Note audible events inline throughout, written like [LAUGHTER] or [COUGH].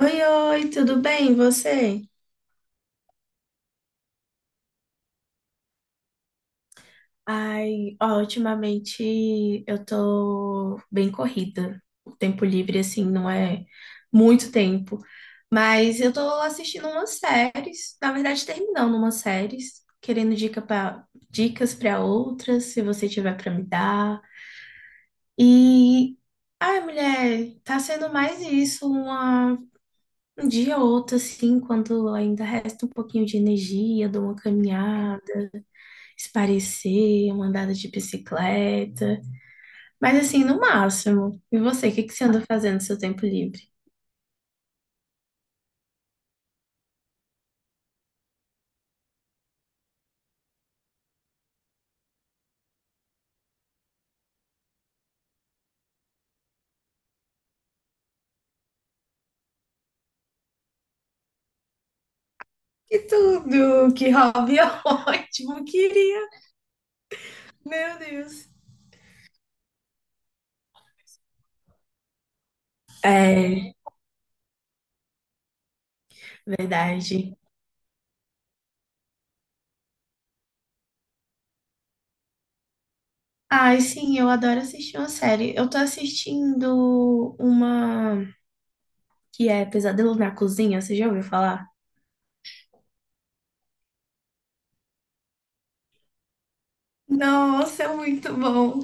Oi, oi, tudo bem? E você? Ai, ó, ultimamente eu tô bem corrida. O tempo livre, assim, não é muito tempo. Mas eu tô assistindo umas séries, na verdade, terminando umas séries, querendo dicas pra outras, se você tiver pra me dar. E, ai, mulher, tá sendo mais isso, um dia ou outro, assim, quando ainda resta um pouquinho de energia, dou uma caminhada. Se parecer, uma andada de bicicleta. Mas assim, no máximo. E você, o que que você anda fazendo no seu tempo livre? Que tudo! Que hobby [LAUGHS] ótimo! Queria! Meu Deus! É, verdade. Ai, sim, eu adoro assistir uma série. Eu tô assistindo uma que é Pesadelo na Cozinha, você já ouviu falar? Nossa, é muito bom.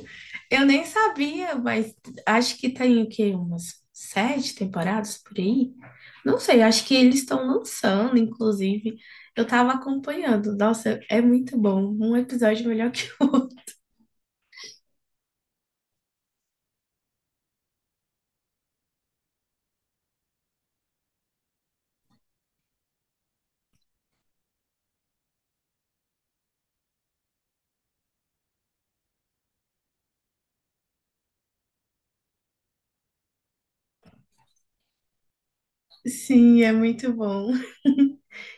Eu nem sabia, mas acho que tem o quê? Umas sete temporadas por aí? Não sei, acho que eles estão lançando, inclusive. Eu tava acompanhando. Nossa, é muito bom. Um episódio melhor que o outro. Sim, é muito bom.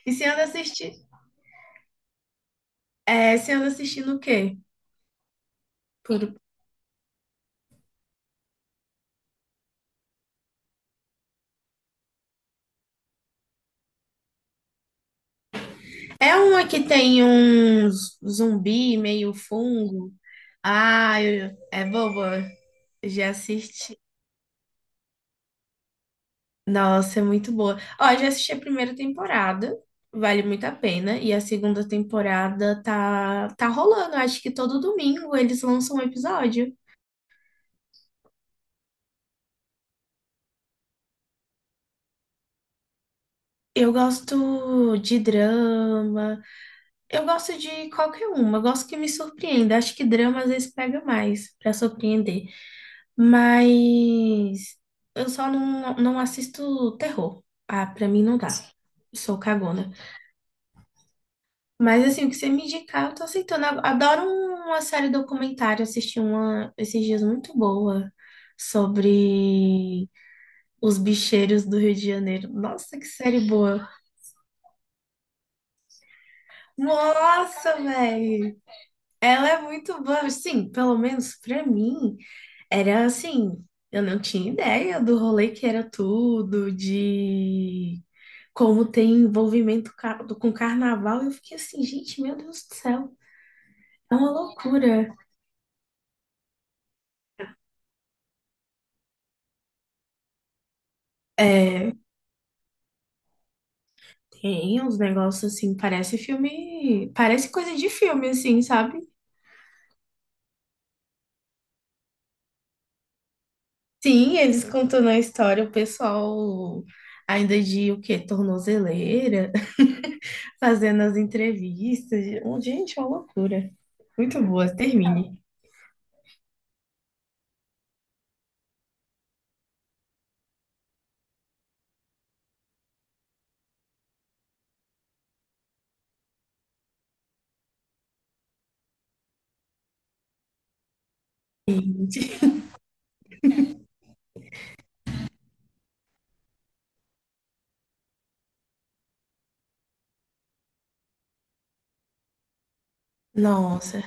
E você anda assistindo? É, você anda assistindo o quê? Por- É uma que tem um zumbi meio fungo. Ah, é boba. Já assisti. Nossa, é muito boa. Ó, eu já assisti a primeira temporada, vale muito a pena. E a segunda temporada tá rolando. Acho que todo domingo eles lançam um episódio. Eu gosto de drama, eu gosto de qualquer uma, eu gosto que me surpreenda. Acho que drama às vezes pega mais pra surpreender. Mas eu só não, não assisto terror. Ah, pra mim não dá. Sou cagona. Mas assim, o que você me indicar, eu tô aceitando. Eu adoro uma série documentária, assisti uma esses dias muito boa sobre os bicheiros do Rio de Janeiro. Nossa, que série boa! Nossa, velho! Ela é muito boa. Sim, pelo menos pra mim, era assim, eu não tinha ideia do rolê que era tudo, de como tem envolvimento com carnaval. Eu fiquei assim, gente, meu Deus do céu, é uma loucura. É. Tem uns negócios assim, parece filme, parece coisa de filme, assim, sabe? Sim, eles contando a história, o pessoal ainda de o quê? Tornozeleira, [LAUGHS] fazendo as entrevistas. Gente, é uma loucura. Muito boa, termine. Nossa,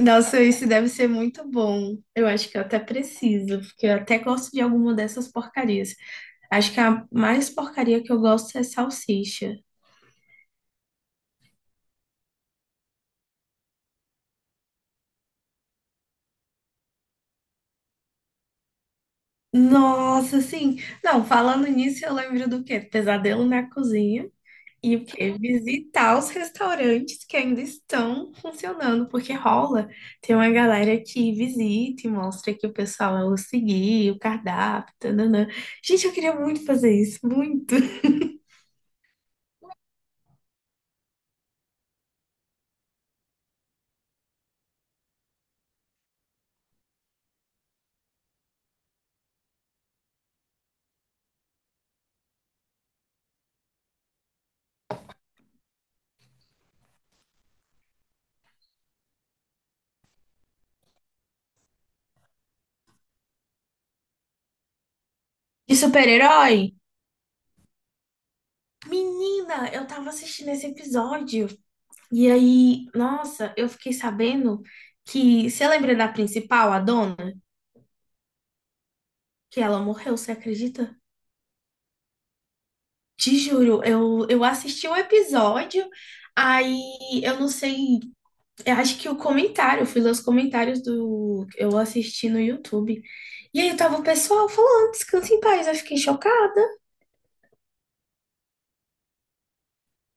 nossa, isso deve ser muito bom. Eu acho que eu até preciso, porque eu até gosto de alguma dessas porcarias. Acho que a mais porcaria que eu gosto é salsicha. Nossa, sim. Não, falando nisso, eu lembro do quê? Pesadelo na cozinha. E o quê? Visitar os restaurantes que ainda estão funcionando, porque rola. Tem uma galera que visita e mostra que o pessoal seguir, o cardápio, tananã. Gente, eu queria muito fazer isso, muito. De super-herói? Menina, eu tava assistindo esse episódio e aí, nossa, eu fiquei sabendo que, você lembra da principal, a dona? Que ela morreu, você acredita? Te juro, eu assisti o episódio, aí eu não sei, eu acho que o comentário, eu fui ler os comentários do que eu assisti no YouTube. E aí tava o pessoal falando, descansa em paz, eu fiquei chocada.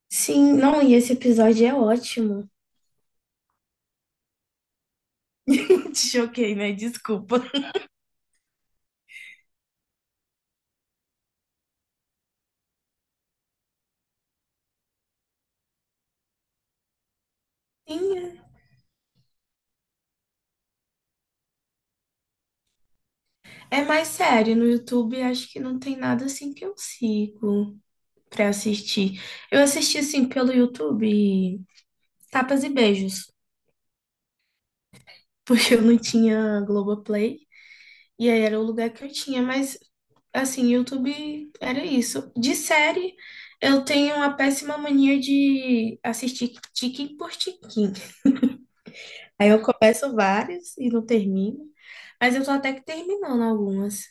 Sim, não, e esse episódio é ótimo. [LAUGHS] Te choquei, né? Desculpa. Sim, é mais sério, no YouTube acho que não tem nada assim que eu sigo pra assistir. Eu assisti assim pelo YouTube Tapas e Beijos, [LAUGHS] porque eu não tinha Globoplay. E aí era o lugar que eu tinha, mas assim, YouTube era isso. De série, eu tenho uma péssima mania de assistir tiquim por tiquim. Aí eu começo várias e não termino, mas eu tô até que terminando algumas.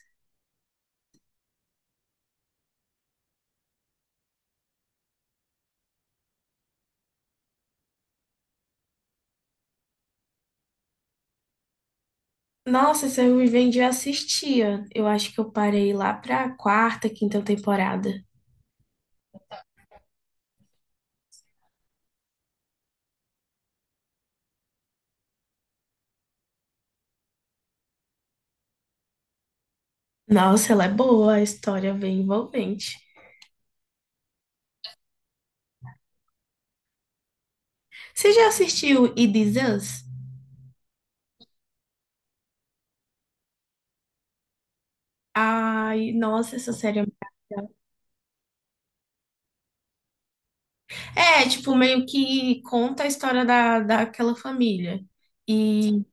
Nossa, se eu me vendi, eu assistia. Eu acho que eu parei lá pra quarta, quinta temporada. Nossa, ela é boa, a história é bem envolvente. Você já assistiu It Is Us? Ai, nossa, essa série é. É, tipo, meio que conta a história daquela família. E,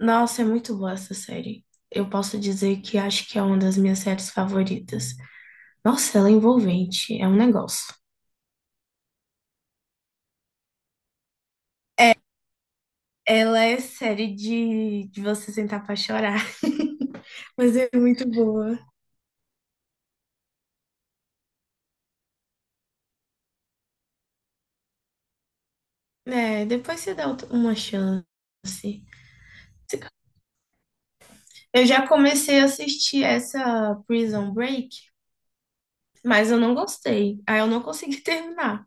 nossa, é muito boa essa série. Eu posso dizer que acho que é uma das minhas séries favoritas. Nossa, ela é envolvente, é um negócio. Ela é série de você sentar pra chorar, [LAUGHS] mas é muito boa. É, depois você dá uma chance. Eu já comecei a assistir essa Prison Break, mas eu não gostei. Aí eu não consegui [LAUGHS] terminar.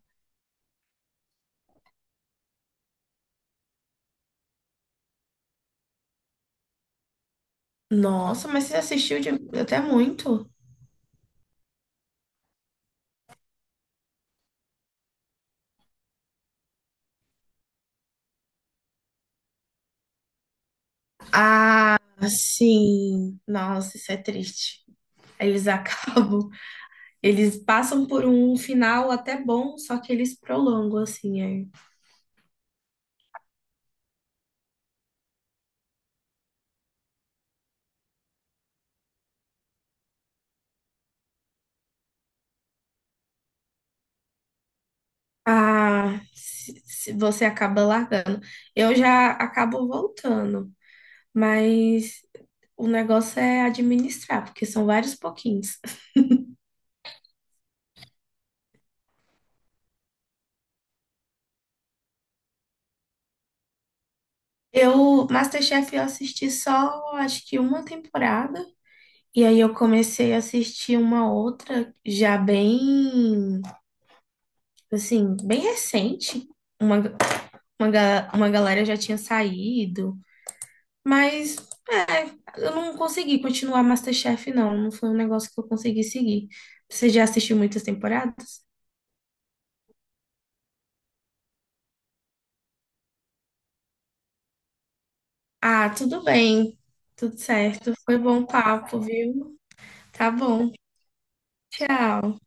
Nossa, mas você assistiu até muito. Ah, sim. Nossa, isso é triste. Eles [LAUGHS] acabam, eles passam por um final até bom, só que eles prolongam assim. Aí. Ah, se você acaba largando. Eu já acabo voltando, mas o negócio é administrar, porque são vários pouquinhos. Eu, MasterChef, eu assisti só, acho que uma temporada. E aí eu comecei a assistir uma outra já bem, assim, bem recente. Uma, uma galera já tinha saído, mas eu não consegui continuar MasterChef, não. Não foi um negócio que eu consegui seguir. Você já assistiu muitas temporadas? Ah, tudo bem. Tudo certo. Foi bom papo, viu? Tá bom. Tchau.